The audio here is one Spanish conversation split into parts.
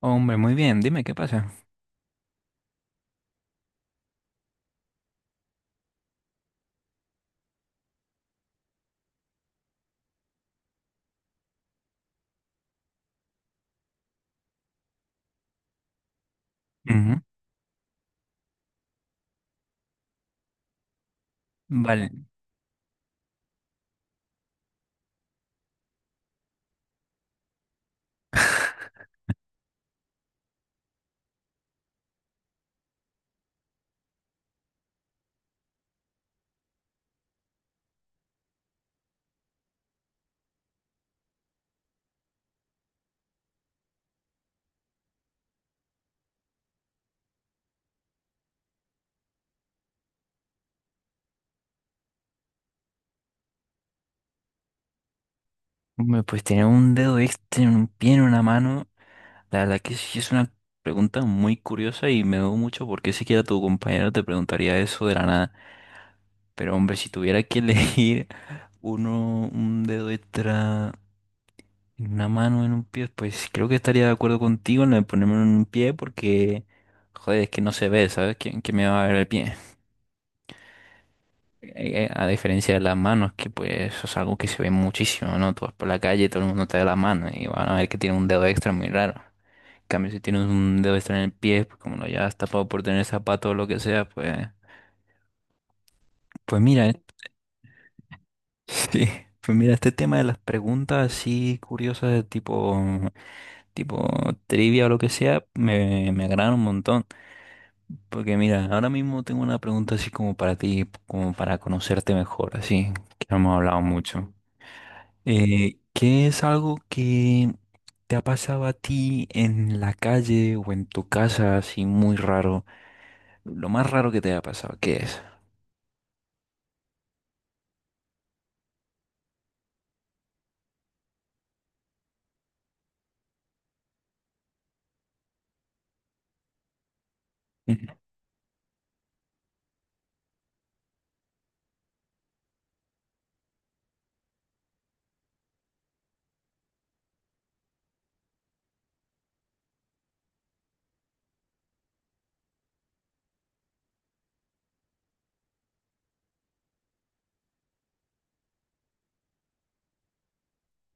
Hombre, muy bien, dime qué pasa. Ujú. Vale. Hombre, pues tener un dedo extra en un pie, en una mano, la verdad que sí es una pregunta muy curiosa y me dudo mucho por qué siquiera tu compañero te preguntaría eso de la nada. Pero hombre, si tuviera que elegir uno, un dedo extra en una mano, en un pie, pues creo que estaría de acuerdo contigo en lo de ponerme en un pie porque, joder, es que no se ve, ¿sabes? ¿Quién me va a ver el pie? A diferencia de las manos, que pues eso es algo que se ve muchísimo, ¿no? Tú vas por la calle y todo el mundo te da la mano y van a ver que tiene un dedo extra muy raro. En cambio, si tienes un dedo extra en el pie, pues como lo llevas tapado por tener zapato o lo que sea, pues, pues mira, sí, pues mira, este tema de las preguntas así curiosas de tipo trivia o lo que sea, me agradan un montón. Porque mira, ahora mismo tengo una pregunta así como para ti, como para conocerte mejor, así, que no hemos hablado mucho. ¿Qué es algo que te ha pasado a ti en la calle o en tu casa así muy raro? Lo más raro que te haya pasado, ¿qué es?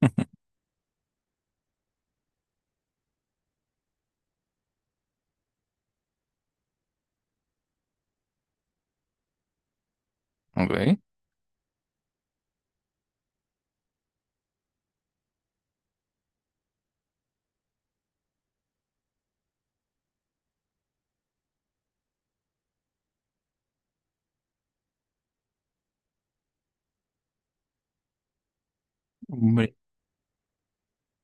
Ok. Hombre,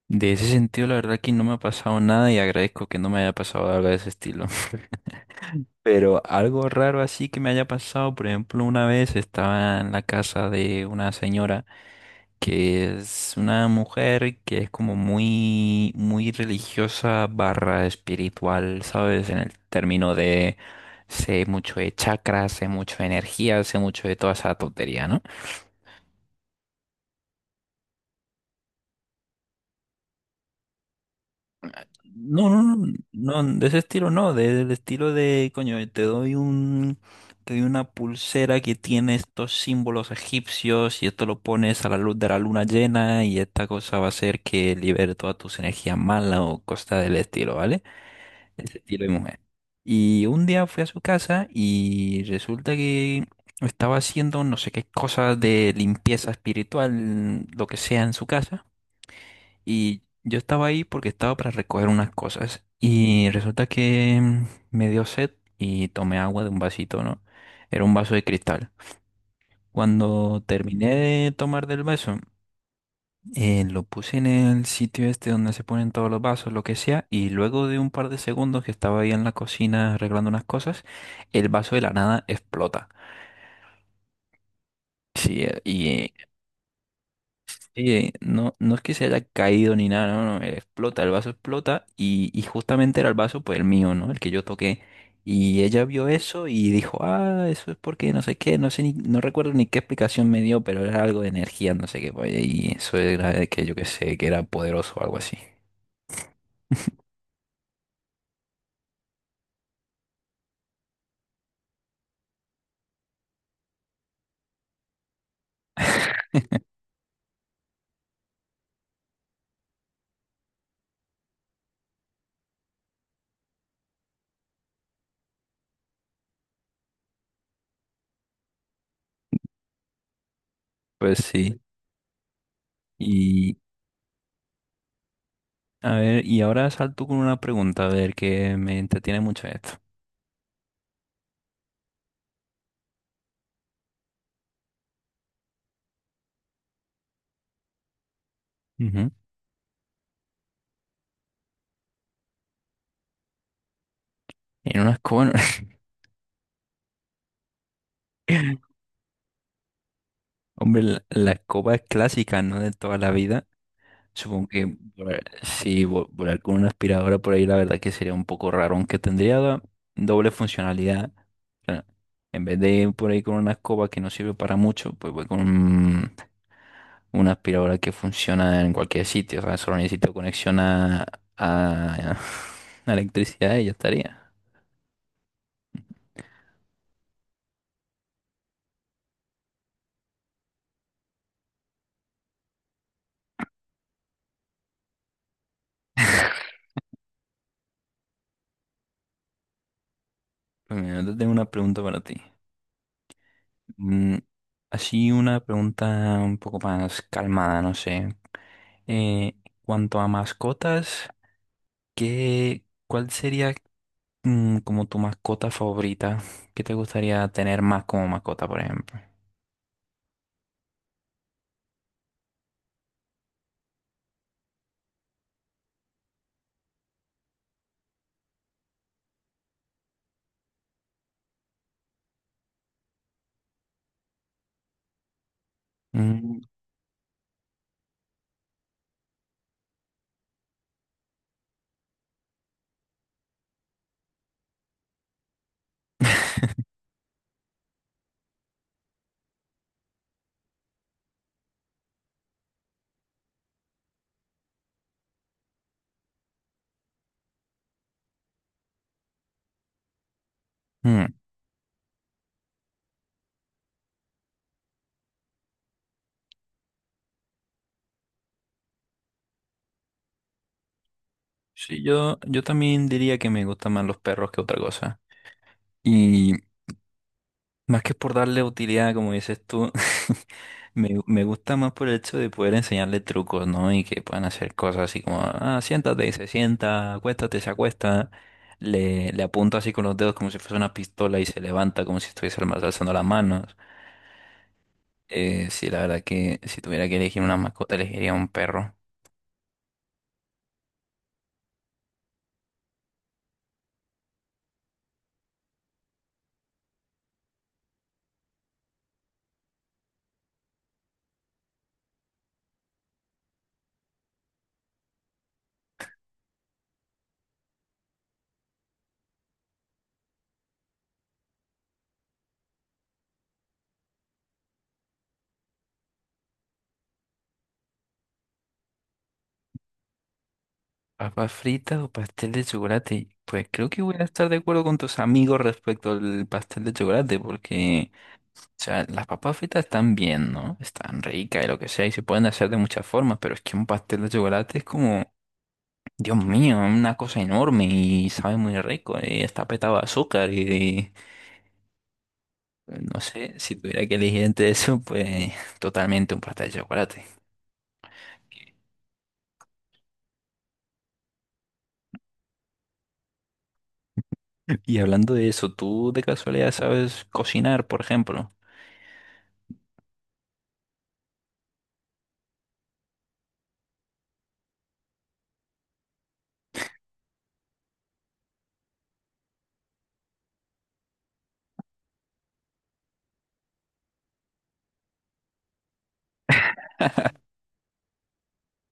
de ese sentido la verdad que no me ha pasado nada y agradezco que no me haya pasado algo de ese estilo. Pero algo raro así que me haya pasado, por ejemplo, una vez estaba en la casa de una señora que es una mujer que es como muy religiosa barra espiritual, ¿sabes? En el término de sé mucho de chakras, sé mucho de energía, sé mucho de toda esa tontería, ¿no? No, no, no, no, de ese estilo no, de- del estilo de, coño, te doy una pulsera que tiene estos símbolos egipcios y esto lo pones a la luz de la luna llena y esta cosa va a hacer que libere todas tus energías malas o cosas del estilo, ¿vale? Ese estilo de mujer. Y un día fui a su casa y resulta que estaba haciendo no sé qué cosas de limpieza espiritual, lo que sea en su casa. Y yo estaba ahí porque estaba para recoger unas cosas. Y resulta que me dio sed y tomé agua de un vasito, ¿no? Era un vaso de cristal. Cuando terminé de tomar del vaso, lo puse en el sitio este donde se ponen todos los vasos, lo que sea. Y luego de un par de segundos que estaba ahí en la cocina arreglando unas cosas, el vaso de la nada explota. Sí, y oye, no, no es que se haya caído ni nada, no, no, explota, el vaso explota y justamente era el vaso, pues el mío, ¿no? El que yo toqué. Y ella vio eso y dijo, ah, eso es porque no sé qué, no sé ni, no recuerdo ni qué explicación me dio, pero era algo de energía, no sé qué, pues, y eso era de que yo qué sé, que era poderoso o algo así. Pues sí, y a ver, y ahora salto con una pregunta, a ver, que me entretiene mucho esto. Ujú. En una escoba, hombre, la escoba es clásica, ¿no? De toda la vida. Supongo que volar con una aspiradora por ahí, la verdad que sería un poco raro, aunque doble funcionalidad. O sea, en vez de ir por ahí con una escoba que no sirve para mucho, pues una aspiradora que funciona en cualquier sitio. O sea, solo necesito conexión a, a electricidad y ya estaría. Pues mira, yo tengo una pregunta para ti. Mm, Así una pregunta un poco más calmada, no sé. Eh, Cuanto a mascotas. ¿Qué, cuál sería como tu mascota favorita? ¿Qué te gustaría tener más como mascota, por ejemplo? Mm. Mm. Sí, yo también diría que me gustan más los perros que otra cosa. Y más que por darle utilidad, como dices tú, me gusta más por el hecho de poder enseñarle trucos, ¿no? Y que puedan hacer cosas así como, ah, siéntate y se sienta, acuéstate, se acuesta. Le apunto así con los dedos como si fuese una pistola y se levanta como si estuviese alzando las manos. Sí, la verdad que si tuviera que elegir una mascota, elegiría un perro. ¿Papas fritas o pastel de chocolate? Pues creo que voy a estar de acuerdo con tus amigos respecto al pastel de chocolate, porque, o sea, las papas fritas están bien, ¿no? Están ricas y lo que sea, y se pueden hacer de muchas formas, pero es que un pastel de chocolate es como, Dios mío, es una cosa enorme y sabe muy rico, y está petado de azúcar, y no sé, si tuviera que elegir entre eso, pues totalmente un pastel de chocolate. Y hablando de eso, ¿tú de casualidad sabes cocinar, por ejemplo?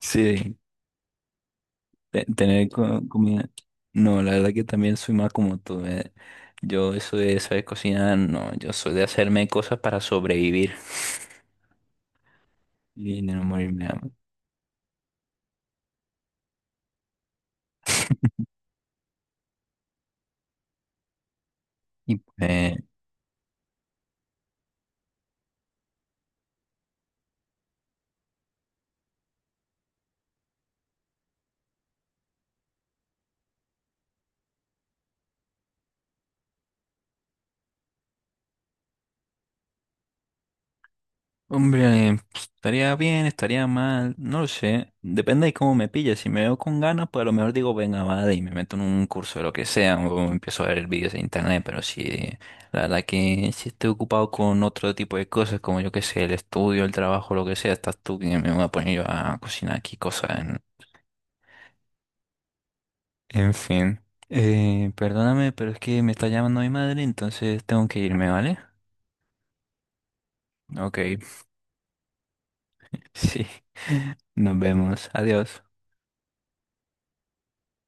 Sí, tener comida. No, la verdad que también soy más como tú. Yo eso de saber cocinar, no, yo soy de hacerme cosas para sobrevivir y de no morirme de hambre. Y pues, hombre, pues, estaría bien, estaría mal, no lo sé. Depende de cómo me pille. Si me veo con ganas, pues a lo mejor digo, venga, vale, y me meto en un curso de lo que sea, o empiezo a ver vídeos de internet, pero la verdad que si estoy ocupado con otro tipo de cosas, como yo qué sé, el estudio, el trabajo, lo que sea, estás tú que me voy a poner yo a cocinar aquí cosas en... En fin. Perdóname, pero es que me está llamando mi madre, entonces tengo que irme, ¿vale? Ok, sí. Nos vemos. Adiós.